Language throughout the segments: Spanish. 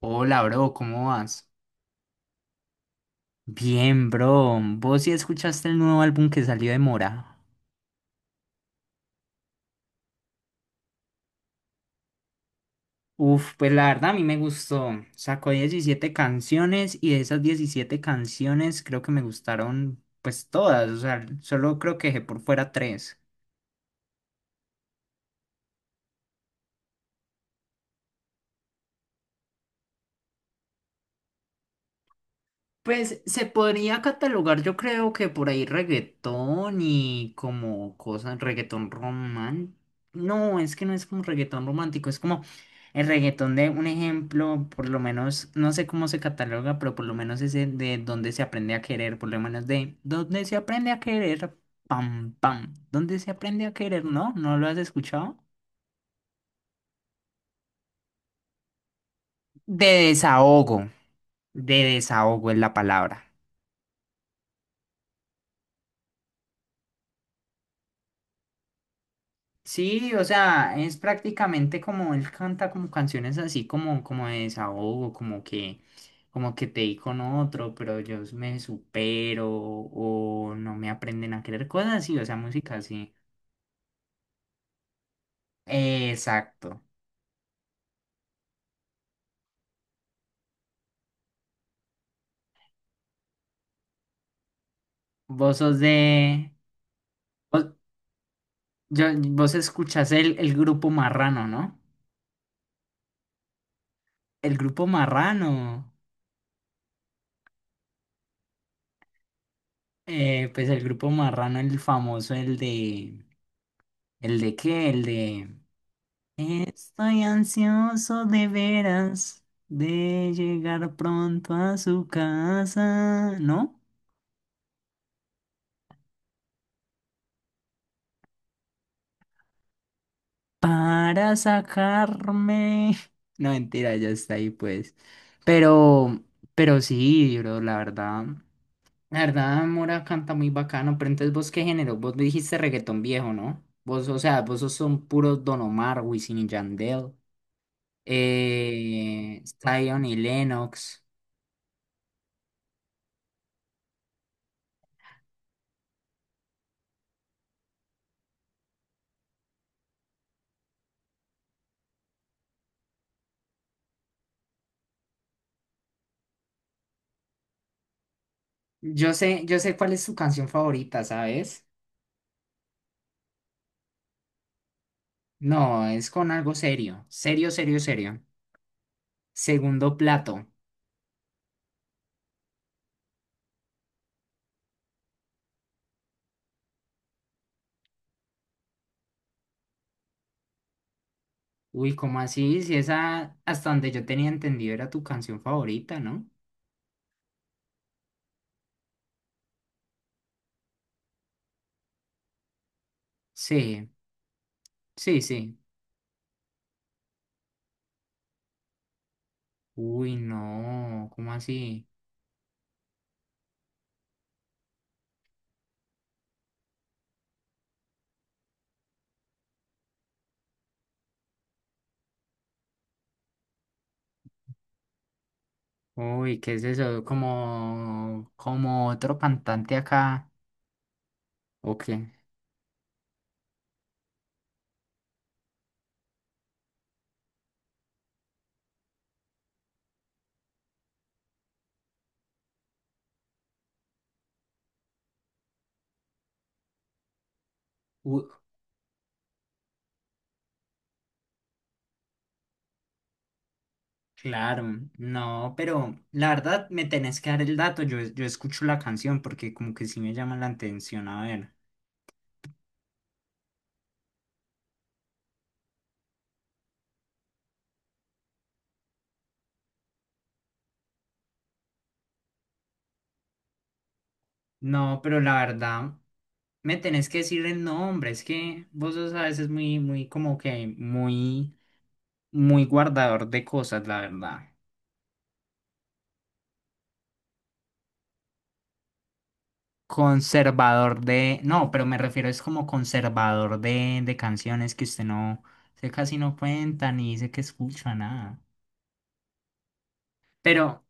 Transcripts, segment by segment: Hola, bro, ¿cómo vas? Bien, bro. ¿Vos sí escuchaste el nuevo álbum que salió de Mora? Uf, pues la verdad a mí me gustó. Sacó 17 canciones y de esas 17 canciones creo que me gustaron pues todas. O sea, solo creo que dejé por fuera tres. Pues se podría catalogar, yo creo que por ahí reggaetón y como cosas, reggaetón romántico. No, es que no es como reggaetón romántico, es como el reggaetón de un ejemplo, por lo menos, no sé cómo se cataloga, pero por lo menos ese de donde se aprende a querer, por lo menos de donde se aprende a querer, pam, pam, donde se aprende a querer, ¿no? ¿No lo has escuchado? De desahogo, de desahogo es la palabra. Sí, o sea, es prácticamente como él canta como canciones así como, como de desahogo, como que te di con otro, pero yo me supero o no me aprenden a querer cosas así, o sea, música así. Exacto. Vos sos de... Vos, vos escuchás el grupo Marrano, ¿no? El grupo Marrano. Pues el grupo Marrano, el famoso, el de... ¿El de qué? El de... Estoy ansioso de veras de llegar pronto a su casa, ¿no? Para sacarme. No, mentira, ya está ahí, pues. Pero, pero sí, bro, la verdad. La verdad, Mora canta muy bacano, pero entonces ¿vos qué género? Vos dijiste reggaetón viejo, ¿no? Vos, o sea, vos sos un puro Don Omar, Wisin y Yandel, Zion y Lennox. Yo sé cuál es su canción favorita, ¿sabes? No, es con algo serio, serio, serio, serio. Segundo plato. Uy, ¿cómo así? Si esa, hasta donde yo tenía entendido, era tu canción favorita, ¿no? Sí, sí, sí. Uy, no, ¿cómo así? Uy, ¿qué es eso? Como otro cantante acá. ¿O qué? Uy, claro, no, pero la verdad me tenés que dar el dato. Yo escucho la canción porque como que sí me llama la atención, a ver. No, pero la verdad, me tenés que decir el nombre. Es que vos sos a veces muy, muy, como que muy, muy guardador de cosas, la verdad. Conservador de. No, pero me refiero es como conservador de, canciones que usted no. Usted casi no cuenta ni dice que escucha nada. Pero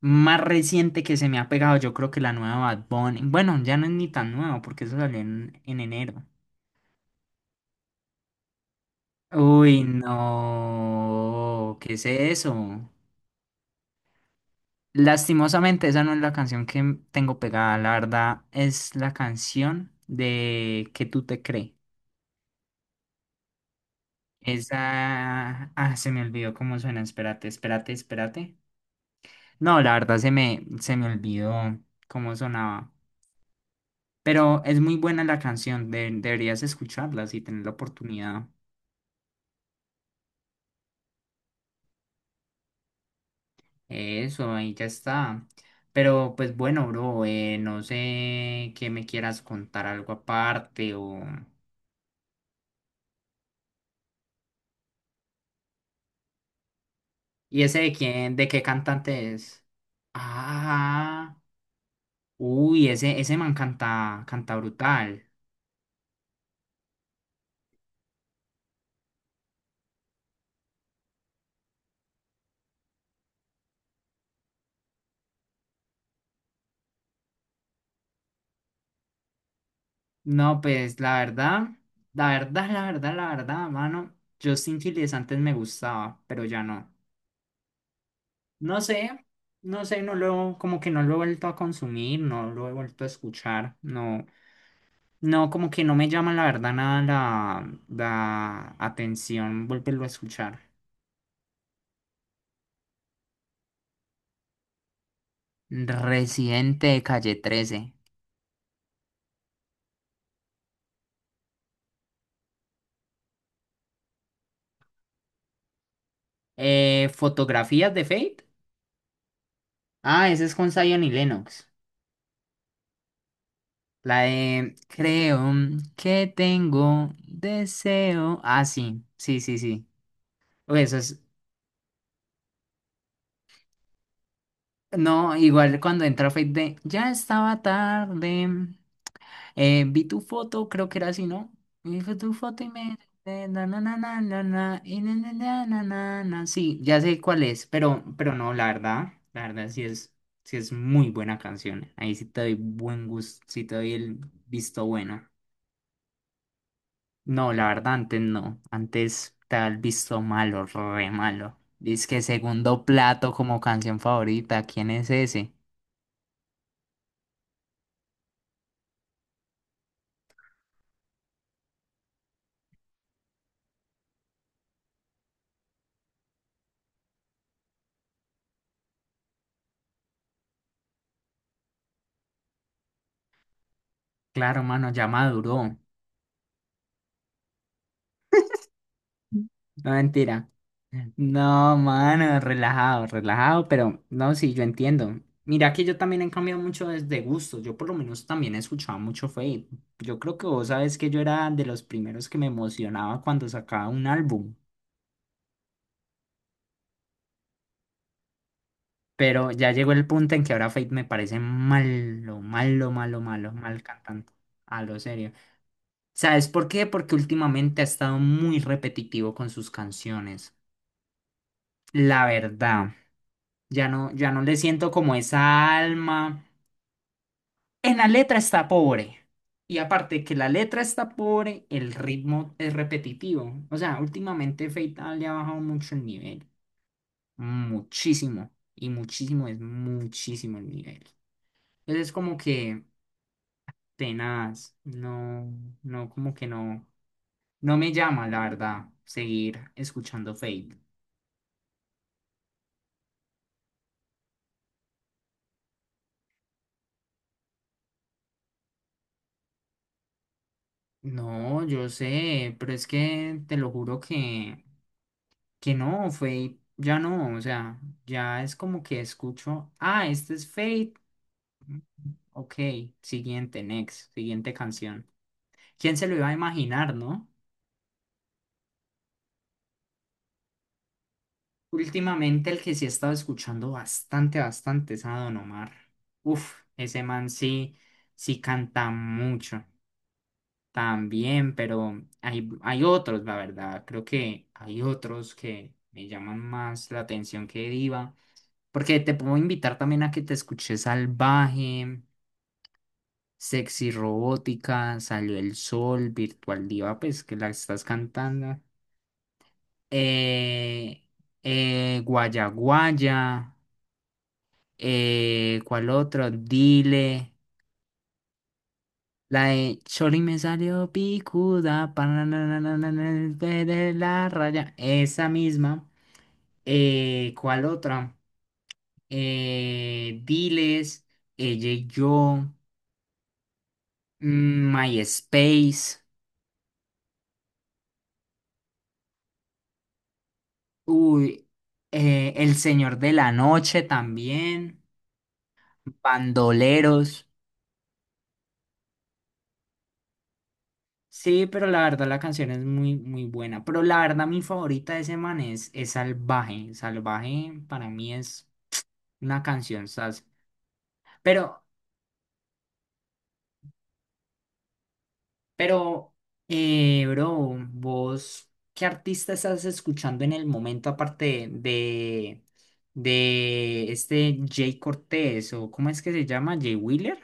más reciente que se me ha pegado, yo creo que la nueva Bad Bunny. Bueno, ya no es ni tan nuevo, porque eso salió en enero. Uy, no. ¿Qué es eso? Lastimosamente, esa no es la canción que tengo pegada, la verdad, es la canción de Que tú te crees. Esa... Ah, se me olvidó cómo suena, espérate, espérate, espérate. No, la verdad se me olvidó cómo sonaba. Pero es muy buena la canción, deberías escucharla si tienes la oportunidad. Eso, ahí ya está. Pero pues bueno, bro, no sé que me quieras contar algo aparte o... ¿Y ese de quién, de qué cantante es? Ah, uy, ese man canta brutal. No, pues la verdad, la verdad, la verdad, la verdad, mano, Justin Quiles antes me gustaba, pero ya no. No sé, no sé, como que no lo he vuelto a consumir, no lo he vuelto a escuchar, no, no, como que no me llama la verdad nada la atención volverlo a escuchar. Residente de Calle 13. Fotografías de Fate. Ah, esa es con Zion y Lennox. La de Creo que tengo deseo. Ah, sí, sí, sí, sí. Uy, eso es. No, igual cuando entra Fate de Ya estaba tarde. Vi tu foto, creo que era así, ¿no? Vi tu foto y me... na, na, na, na, na, na, y na, na, na, na, na, na. Sí, ya sé cuál es, pero, no, la verdad, sí es, muy buena canción. Ahí sí te doy buen gusto, sí te doy el visto bueno. No, la verdad, antes no. Antes te da el visto malo, re malo. Dice que segundo plato como canción favorita, ¿quién es ese? Claro, mano, ya maduró. No, mentira. No, mano, relajado, relajado, pero no, sí, yo entiendo. Mira que yo también he cambiado mucho desde gusto. Yo por lo menos también escuchaba mucho Fate. Yo creo que vos sabes que yo era de los primeros que me emocionaba cuando sacaba un álbum. Pero ya llegó el punto en que ahora Fate me parece malo, malo, malo, malo, mal cantante. A lo serio. ¿Sabes por qué? Porque últimamente ha estado muy repetitivo con sus canciones. La verdad. Ya no, ya no le siento como esa alma. En la letra está pobre. Y aparte que la letra está pobre, el ritmo es repetitivo. O sea, últimamente Feita le ha bajado mucho el nivel. Muchísimo. Y muchísimo es muchísimo el nivel. Entonces es como que tenaz. No, no, como que no. No me llama, la verdad, seguir escuchando Fate. No, yo sé, pero es que te lo juro que. No, Fate ya no, o sea, ya es como que escucho, ah, este es Fate, ok, siguiente, next, siguiente canción. ¿Quién se lo iba a imaginar, no? Últimamente el que sí he estado escuchando bastante, bastante es a Don Omar. Uf, ese man sí canta mucho también, pero hay otros, la verdad, creo que hay otros que me llaman más la atención que Diva. Porque te puedo invitar también a que te escuches Salvaje, Sexy Robótica, Salió el Sol, Virtual Diva, pues que la estás cantando. Eh, Guaya Guaya, ¿cuál otro? Dile. La de Chori me salió picuda, pananana, de la raya, esa misma. ¿Cuál otra? Diles, ella y yo, MySpace. Uy, El Señor de la Noche también, Bandoleros. Sí, pero la verdad la canción es muy, muy buena. Pero la verdad mi favorita de ese man es Salvaje. Salvaje para mí es una canción sas. Pero, pero, bro, vos, ¿qué artista estás escuchando en el momento aparte de, este Jay Cortés o cómo es que se llama? Jay Wheeler.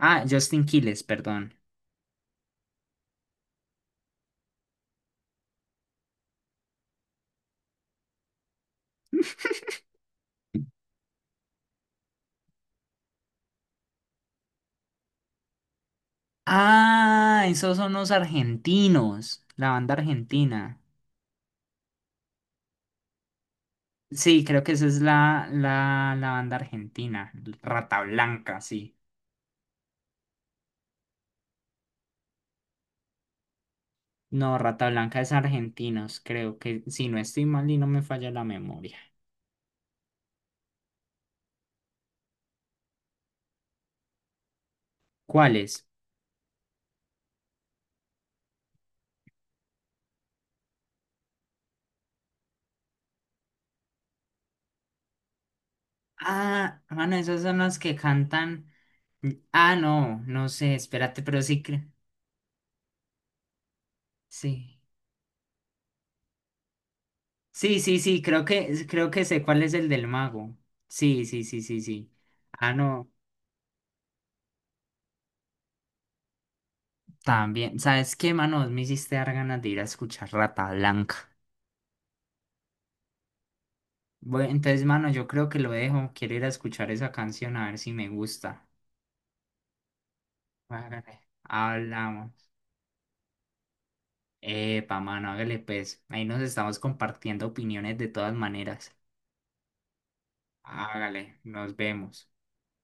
Ah, Justin Quiles, perdón. Ah, esos son los argentinos, la banda argentina. Sí, creo que esa es la banda argentina, Rata Blanca, sí. No, Rata Blanca es argentinos, creo que si no estoy mal y no me falla la memoria. ¿Cuáles? Ah, mano, esos son los que cantan. Ah, no, no sé, espérate, pero sí, sí. Sí, sí, sí, creo que sé cuál es el del mago. Sí, sí, sí, sí, sí. Ah, no. También, ¿sabes qué, mano? Me hiciste dar ganas de ir a escuchar Rata Blanca. Bueno, entonces, mano, yo creo que lo dejo. Quiero ir a escuchar esa canción a ver si me gusta. Hágale. Hablamos. Epa, mano, hágale pues. Ahí nos estamos compartiendo opiniones de todas maneras. Hágale, nos vemos.